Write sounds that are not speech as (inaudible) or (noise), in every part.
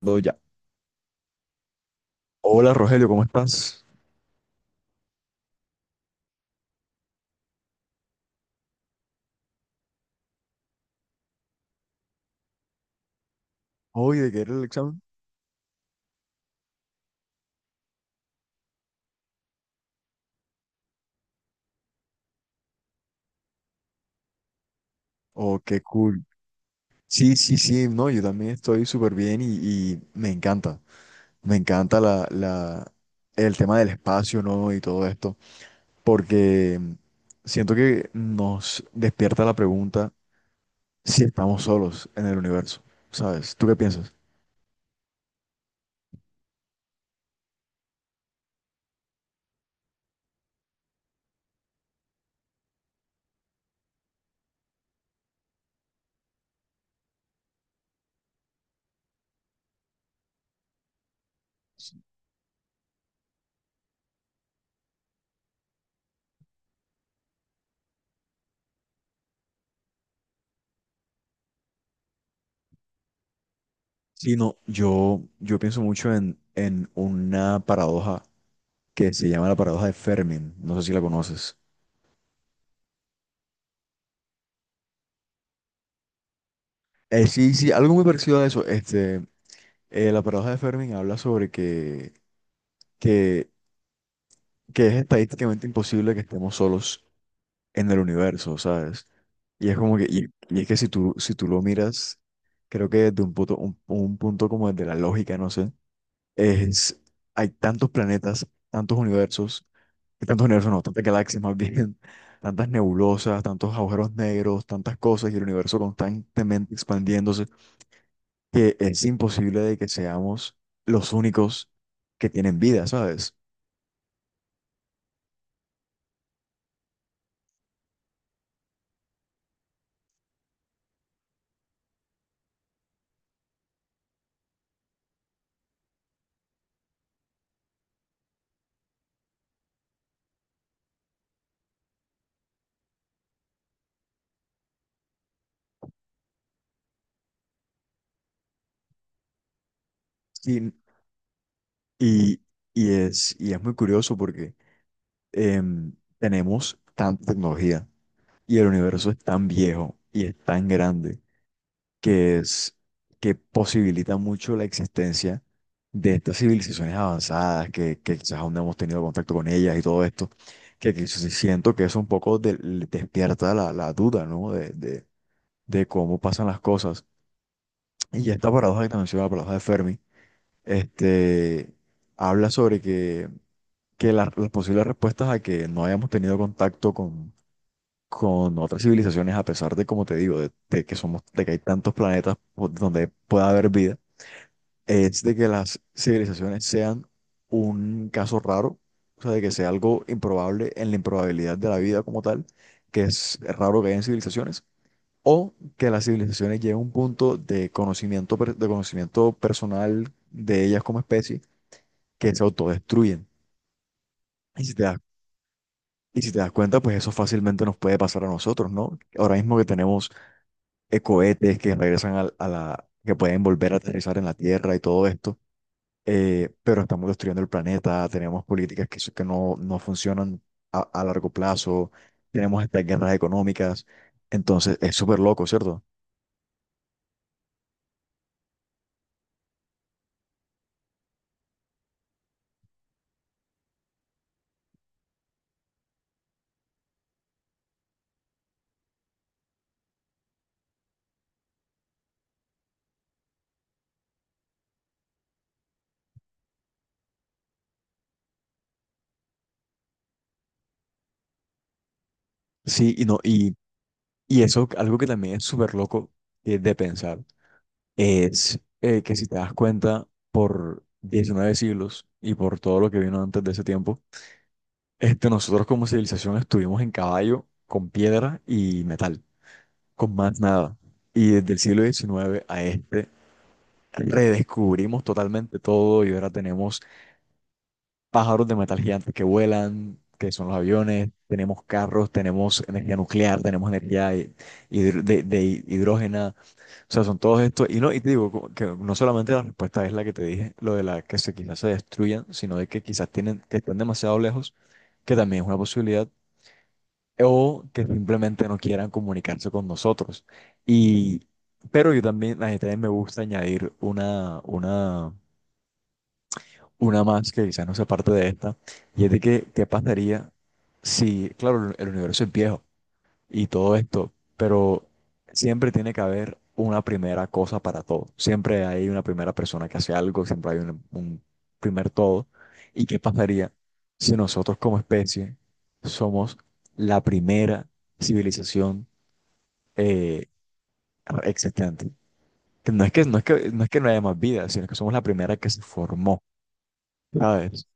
Todo ya. Hola Rogelio, ¿cómo estás? Oye, ¿de qué era el examen? Oh, qué cool. Sí, sí, sí, no, yo también estoy súper bien y me encanta. Me encanta el tema del espacio, ¿no? Y todo esto, porque siento que nos despierta la pregunta si estamos solos en el universo, ¿sabes? ¿Tú qué piensas? Sí, no, yo pienso mucho en una paradoja que se llama la paradoja de Fermi. No sé si la conoces. Sí, sí, algo muy parecido a eso. La paradoja de Fermi habla sobre que, que es estadísticamente imposible que estemos solos en el universo, ¿sabes? Y es como que, y es que si tú, si tú lo miras, creo que desde un punto, un punto como desde la lógica, no sé, es, hay tantos planetas, tantos universos, y tantos universos no, tantas galaxias más (laughs) bien, tantas nebulosas, tantos agujeros negros, tantas cosas, y el universo constantemente expandiéndose, que es imposible de que seamos los únicos que tienen vida, ¿sabes? Y, y, y es muy curioso porque em, tenemos tanta tecnología y el universo es tan viejo y es tan grande que es que posibilita mucho la existencia de estas civilizaciones avanzadas que quizás aún no hemos tenido contacto con ellas y todo esto, que sí siento que eso un poco despierta la duda, ¿no? De cómo pasan las cosas. Y esta paradoja que te menciono, la paradoja de Fermi, este, habla sobre que las posibles respuestas a que no hayamos tenido contacto con otras civilizaciones, a pesar de, como te digo, de que somos, de que hay tantos planetas donde pueda haber vida, es de que las civilizaciones sean un caso raro, o sea, de que sea algo improbable en la improbabilidad de la vida como tal, que es raro que hayan civilizaciones o que las civilizaciones lleguen a un punto de conocimiento, de conocimiento personal de ellas como especie que se autodestruyen. Y si te das, y si te das cuenta, pues eso fácilmente nos puede pasar a nosotros, ¿no? Ahora mismo que tenemos cohetes que regresan que pueden volver a aterrizar en la Tierra y todo esto, pero estamos destruyendo el planeta, tenemos políticas que no, no funcionan a largo plazo, tenemos estas guerras económicas, entonces es súper loco, ¿cierto? Sí, y no, y Y eso, algo que también es súper loco de pensar, es que si te das cuenta, por 19 siglos y por todo lo que vino antes de ese tiempo, este, nosotros como civilización estuvimos en caballo, con piedra y metal, con más nada. Y desde el siglo XIX a este, redescubrimos totalmente todo y ahora tenemos pájaros de metal gigantes que vuelan, que son los aviones, tenemos carros, tenemos energía nuclear, tenemos energía de hidrógeno. O sea, son todos estos, y no, y te digo como que no solamente la respuesta es la que te dije, lo de la que se quizás se destruyan, sino de que quizás tienen, que están demasiado lejos, que también es una posibilidad, o que simplemente no quieran comunicarse con nosotros. Y, pero yo también, a mí también me gusta añadir una más que quizás no sea parte de esta, y es de que, ¿qué pasaría si, claro, el universo es viejo? Y todo esto, pero siempre tiene que haber una primera cosa para todo. Siempre hay una primera persona que hace algo, siempre hay un primer todo. ¿Y qué pasaría si nosotros como especie somos la primera civilización eh, existente? Que no es que no es que no es que no haya más vida, sino que somos la primera que se formó, ¿sabes?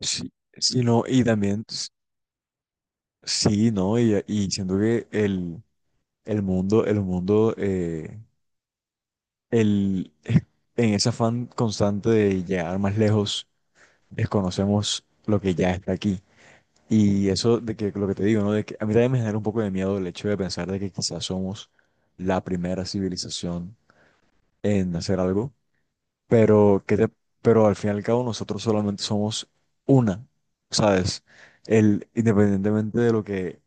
Sí, sí, no, sí, ¿no? Y siento que el mundo el, (laughs) en ese afán constante de llegar más lejos, desconocemos lo que ya está aquí. Y eso de que lo que te digo, ¿no? De que a mí también me genera un poco de miedo el hecho de pensar de que quizás somos la primera civilización en hacer algo, pero que te- pero al fin y al cabo nosotros solamente somos una, ¿sabes? El, independientemente de lo que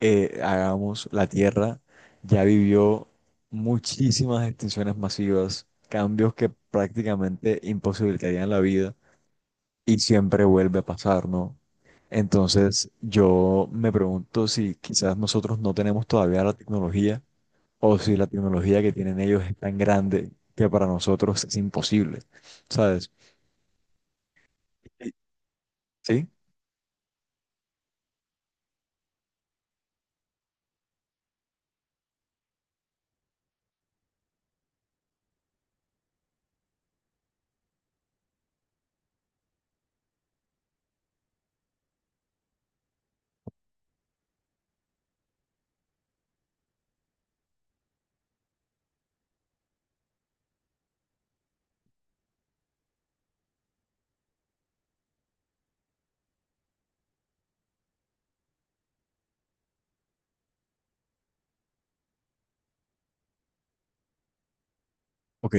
hagamos, la Tierra ya vivió muchísimas extinciones masivas, cambios que prácticamente imposibilitarían la vida y siempre vuelve a pasar, ¿no? Entonces yo me pregunto si quizás nosotros no tenemos todavía la tecnología o si la tecnología que tienen ellos es tan grande que para nosotros es imposible, ¿sabes? ¿Sí? Ok,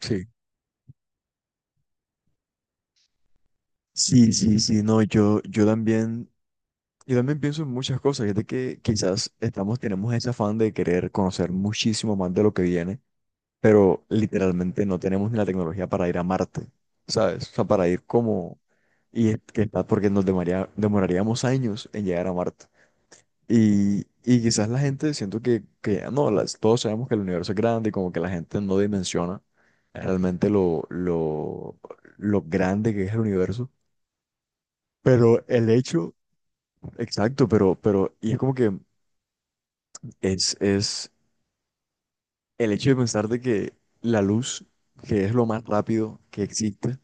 sí. Sí, sí, sí, no, yo también, yo también pienso en muchas cosas, y es de que quizás estamos, tenemos ese afán de querer conocer muchísimo más de lo que viene, pero literalmente no tenemos ni la tecnología para ir a Marte, ¿sabes? O sea, para ir como, y es que está porque demoraríamos años en llegar a Marte. Y quizás la gente, siento que no, las, todos sabemos que el universo es grande y como que la gente no dimensiona realmente lo grande que es el universo. Pero el hecho, exacto, pero, y es como que es el hecho de pensar de que la luz, que es lo más rápido que existe,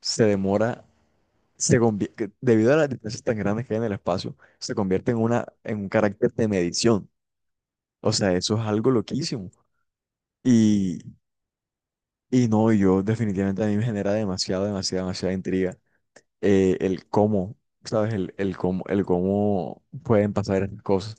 se demora, que debido a las distancias tan grandes que hay en el espacio, se convierte en una, en un carácter de medición. O sea, eso es algo loquísimo. Y, y no, yo definitivamente a mí me genera demasiada intriga el cómo, ¿sabes? El cómo pueden pasar esas cosas.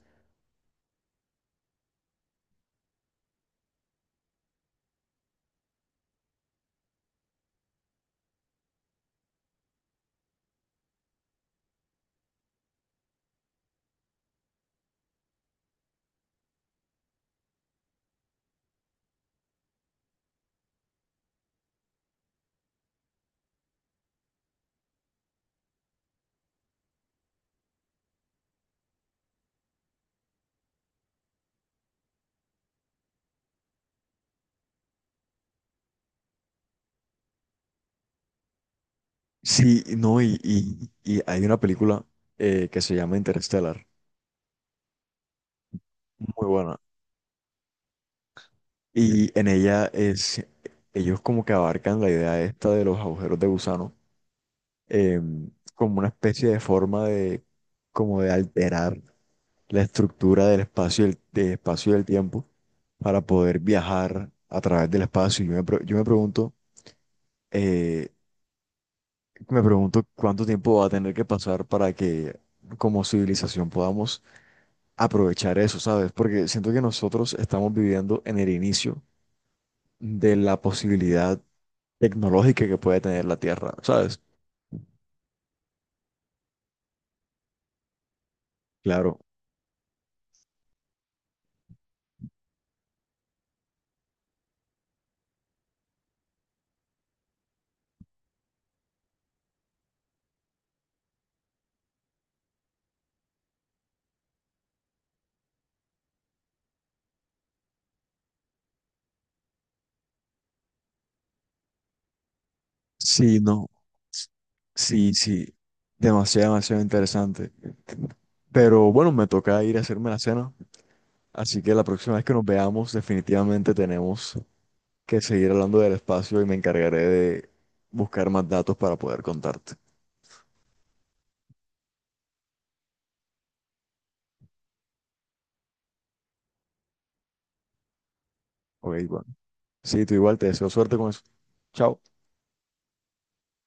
Sí, no, y hay una película que se llama Interstellar. Muy buena. Y en ella es, ellos como que abarcan la idea esta de los agujeros de gusano, em, como una especie de forma de, como de alterar la estructura del espacio, del espacio y del tiempo para poder viajar a través del espacio. Yo eh, me pregunto cuánto tiempo va a tener que pasar para que como civilización podamos aprovechar eso, ¿sabes? Porque siento que nosotros estamos viviendo en el inicio de la posibilidad tecnológica que puede tener la Tierra, ¿sabes? Claro. Sí, no. Sí, sí. Demasiado, demasiado interesante. Pero bueno, me toca ir a hacerme la cena. Así que la próxima vez que nos veamos, definitivamente tenemos que seguir hablando del espacio y me encargaré de buscar más datos para poder contarte. Ok, bueno. Sí, tú igual, te deseo suerte con eso. Chao.